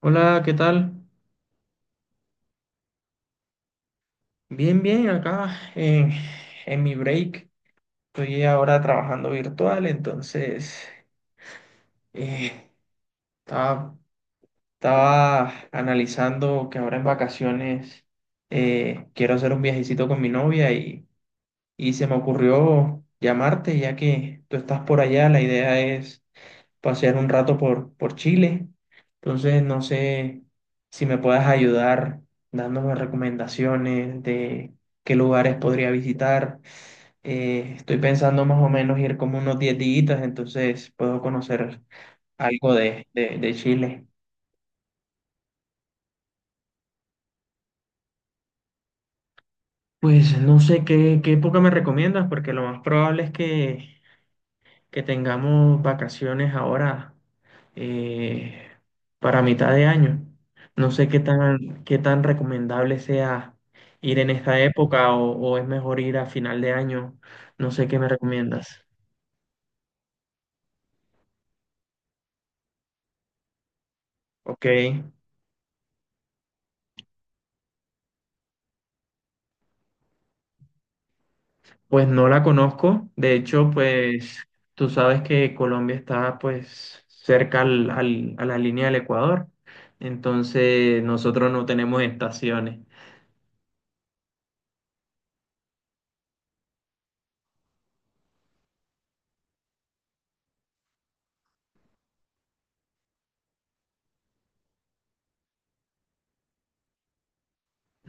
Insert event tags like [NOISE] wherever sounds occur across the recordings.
Hola, ¿qué tal? Bien, bien, acá en mi break. Estoy ahora trabajando virtual, entonces eh, estaba, estaba analizando que ahora en vacaciones quiero hacer un viajecito con mi novia y se me ocurrió llamarte ya que tú estás por allá. La idea es pasear un rato por Chile. Entonces, no sé si me puedas ayudar dándome recomendaciones de qué lugares podría visitar. Estoy pensando más o menos ir como unos 10 días, entonces puedo conocer algo de Chile. Pues no sé qué época me recomiendas, porque lo más probable es que tengamos vacaciones ahora eh, para mitad de año. No sé qué tan recomendable sea ir en esta época o es mejor ir a final de año. No sé qué me recomiendas. Ok, pues no la conozco. De hecho, pues tú sabes que Colombia está pues cerca a la línea del Ecuador. Entonces nosotros no tenemos estaciones.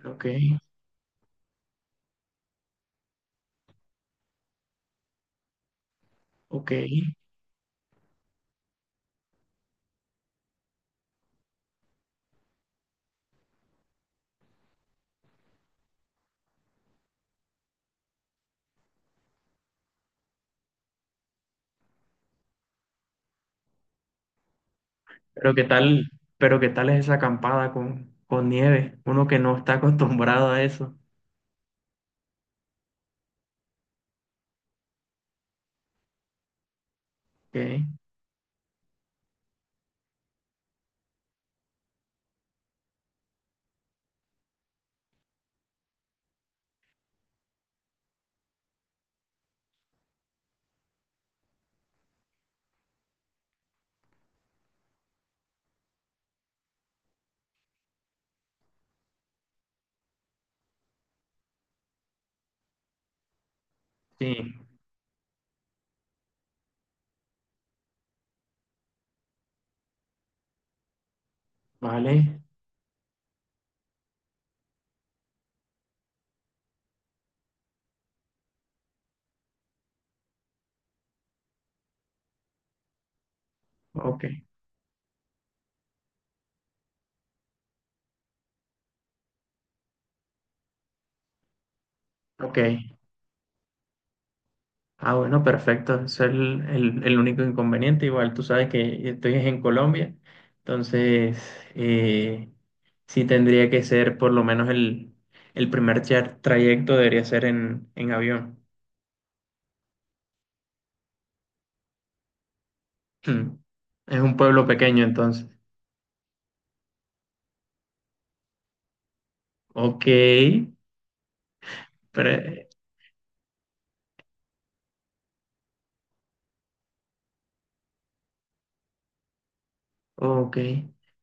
Ok, ok. Pero qué tal, pero qué tal es esa acampada con nieve, uno que no está [LAUGHS] acostumbrado a eso. Ok, sí, vale, ok, ok. Ah, bueno, perfecto. Ese es el único inconveniente. Igual tú sabes que estoy en Colombia, entonces eh, sí tendría que ser por lo menos el primer trayecto debería ser en avión. [CLEARS THROAT] Hmm. Es un pueblo pequeño, entonces. Ok, pero Ok,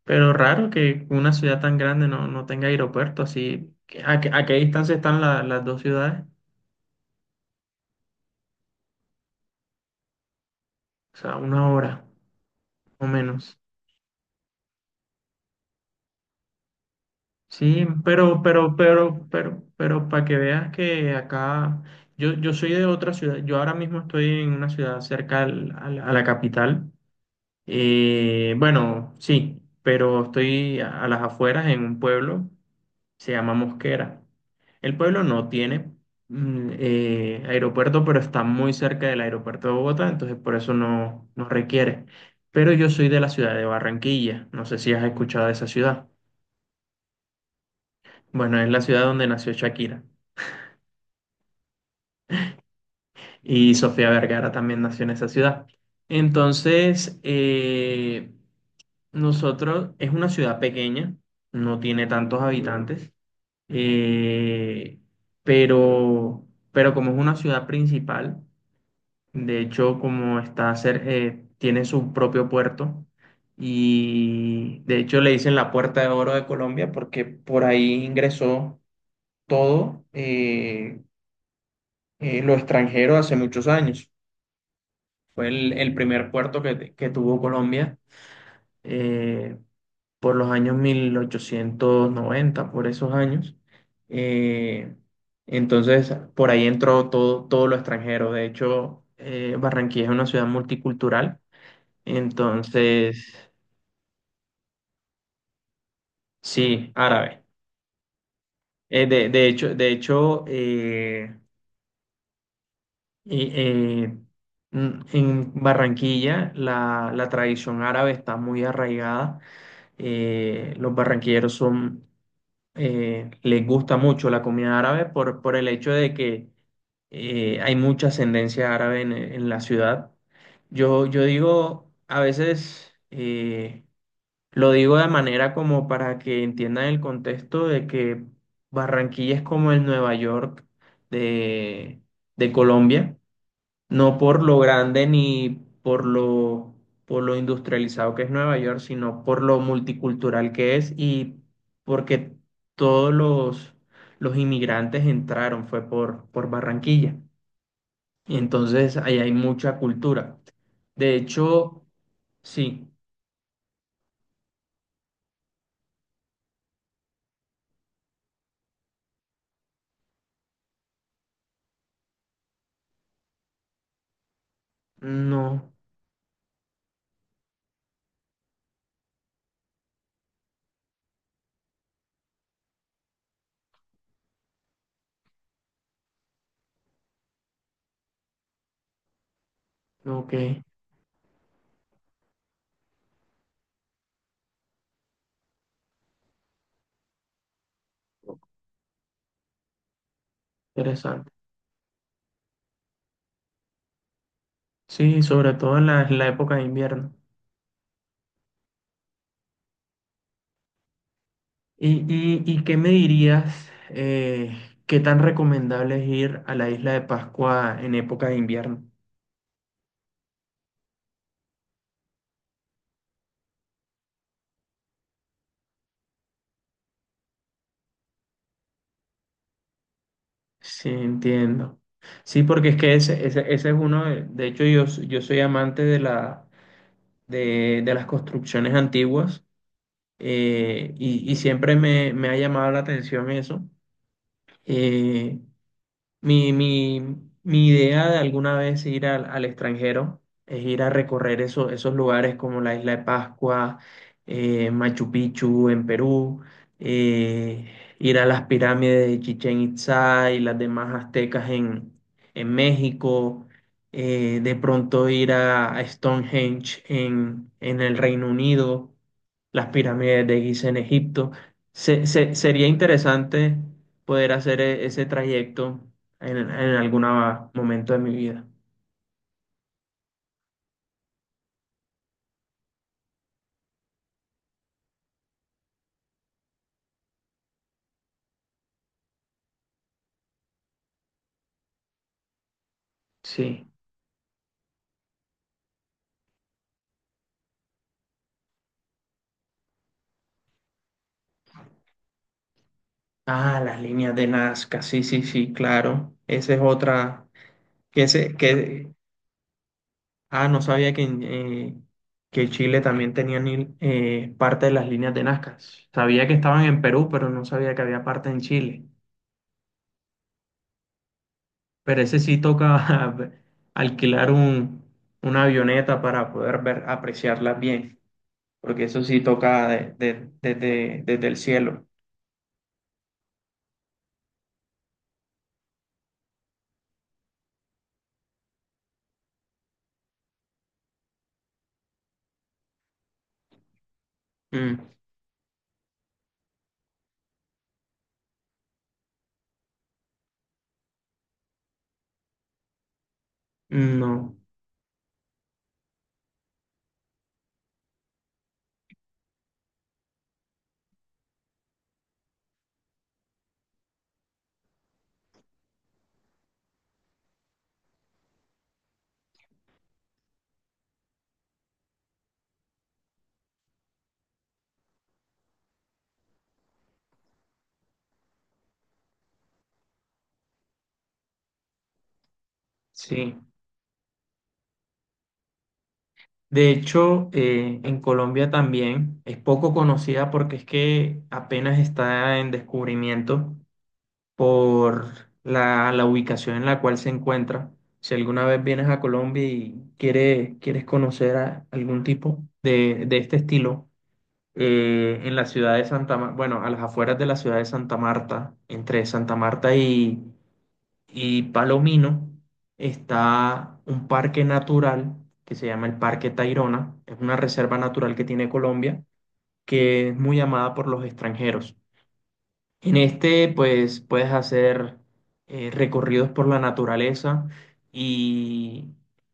pero raro que una ciudad tan grande no tenga aeropuerto, así, ¿a qué distancia están las dos ciudades? O sea, una hora o menos. Sí, pero, para que veas que acá, yo soy de otra ciudad, yo ahora mismo estoy en una ciudad cerca a la capital. Bueno, sí, pero estoy a las afueras en un pueblo se llama Mosquera. El pueblo no tiene aeropuerto, pero está muy cerca del aeropuerto de Bogotá, entonces por eso no requiere. Pero yo soy de la ciudad de Barranquilla, no sé si has escuchado de esa ciudad. Bueno, es la ciudad donde nació Shakira y Sofía Vergara también nació en esa ciudad. Entonces, nosotros es una ciudad pequeña, no tiene tantos habitantes, eh, pero, pero como es una ciudad principal. De hecho, como está tiene su propio puerto y de hecho le dicen la Puerta de Oro de Colombia porque por ahí ingresó todo lo extranjero hace muchos años. Fue el primer puerto que tuvo Colombia eh, por los años 1890 por esos años. Eh, entonces, por ahí entró todo, todo lo extranjero. De hecho, Barranquilla es una ciudad multicultural. Entonces, sí, árabe. De hecho y- eh, en Barranquilla la tradición árabe está muy arraigada. Los barranquilleros les gusta mucho la comida árabe por el hecho de que hay mucha ascendencia árabe en la ciudad. Yo digo, a veces. Lo digo de manera como para que entiendan el contexto de que Barranquilla es como el Nueva York de, de Colombia, no por lo grande ni por lo, por lo industrializado que es Nueva York, sino por lo multicultural que es y porque todos los inmigrantes entraron, fue por Barranquilla. Y entonces ahí hay mucha cultura. De hecho, sí, no, ok, interesante. Sí, sobre todo en la época de invierno. ¿Y qué me dirías, qué tan recomendable es ir a la isla de Pascua en época de invierno? Sí, entiendo. Sí, porque es que ese es uno, de hecho yo soy amante de las construcciones antiguas. Y siempre me ha llamado la atención eso. eh, Mi, mi, mi idea de alguna vez ir al extranjero es ir a recorrer esos lugares como la Isla de Pascua, Machu Picchu en Perú, eh, ir a las pirámides de Chichén Itzá y las demás aztecas en México, de pronto ir a Stonehenge en el Reino Unido, las pirámides de Giza en Egipto. Sería interesante poder hacer ese trayecto en algún momento de mi vida. Sí. Ah, las líneas de Nazca, sí, sí, sí, claro. Esa es otra. Que ese, que, ah, No sabía que Chile también tenía parte de las líneas de Nazca. Sabía que estaban en Perú, pero no sabía que había parte en Chile. Pero ese sí toca [LAUGHS] alquilar una avioneta para poder ver, apreciarlas bien, porque eso sí toca desde el cielo. Mm, no, sí. De hecho, en Colombia también es poco conocida porque es que apenas está en descubrimiento por la ubicación en la cual se encuentra. Si alguna vez vienes a Colombia y quieres conocer a algún tipo de este estilo, en la ciudad de Santa Marta, bueno, a las afueras de la ciudad de Santa Marta, entre Santa Marta y Palomino está un parque natural que se llama el Parque Tayrona. Es una reserva natural que tiene Colombia, que es muy amada por los extranjeros. En este, pues, puedes hacer recorridos por la naturaleza y,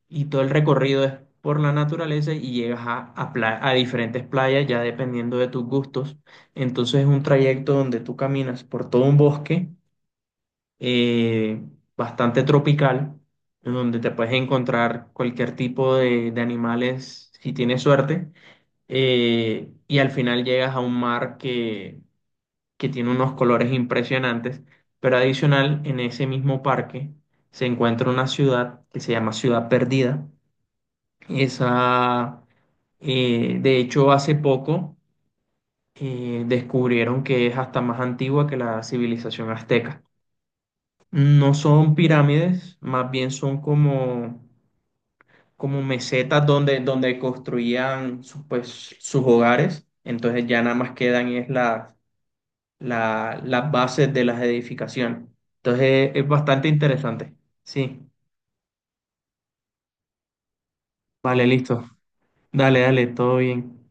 y todo el recorrido es por la naturaleza y llegas a diferentes playas ya dependiendo de tus gustos. Entonces es un trayecto donde tú caminas por todo un bosque eh, bastante tropical, en donde te puedes encontrar cualquier tipo de animales si tienes suerte. Y al final llegas a un mar que tiene unos colores impresionantes, pero adicional en ese mismo parque se encuentra una ciudad que se llama Ciudad Perdida. Esa, de hecho, hace poco descubrieron que es hasta más antigua que la civilización azteca. No son pirámides, más bien son como mesetas donde construían sus hogares. Entonces ya nada más quedan es las bases de las edificaciones. Entonces es bastante interesante. Sí, vale, listo. Dale, dale, todo bien.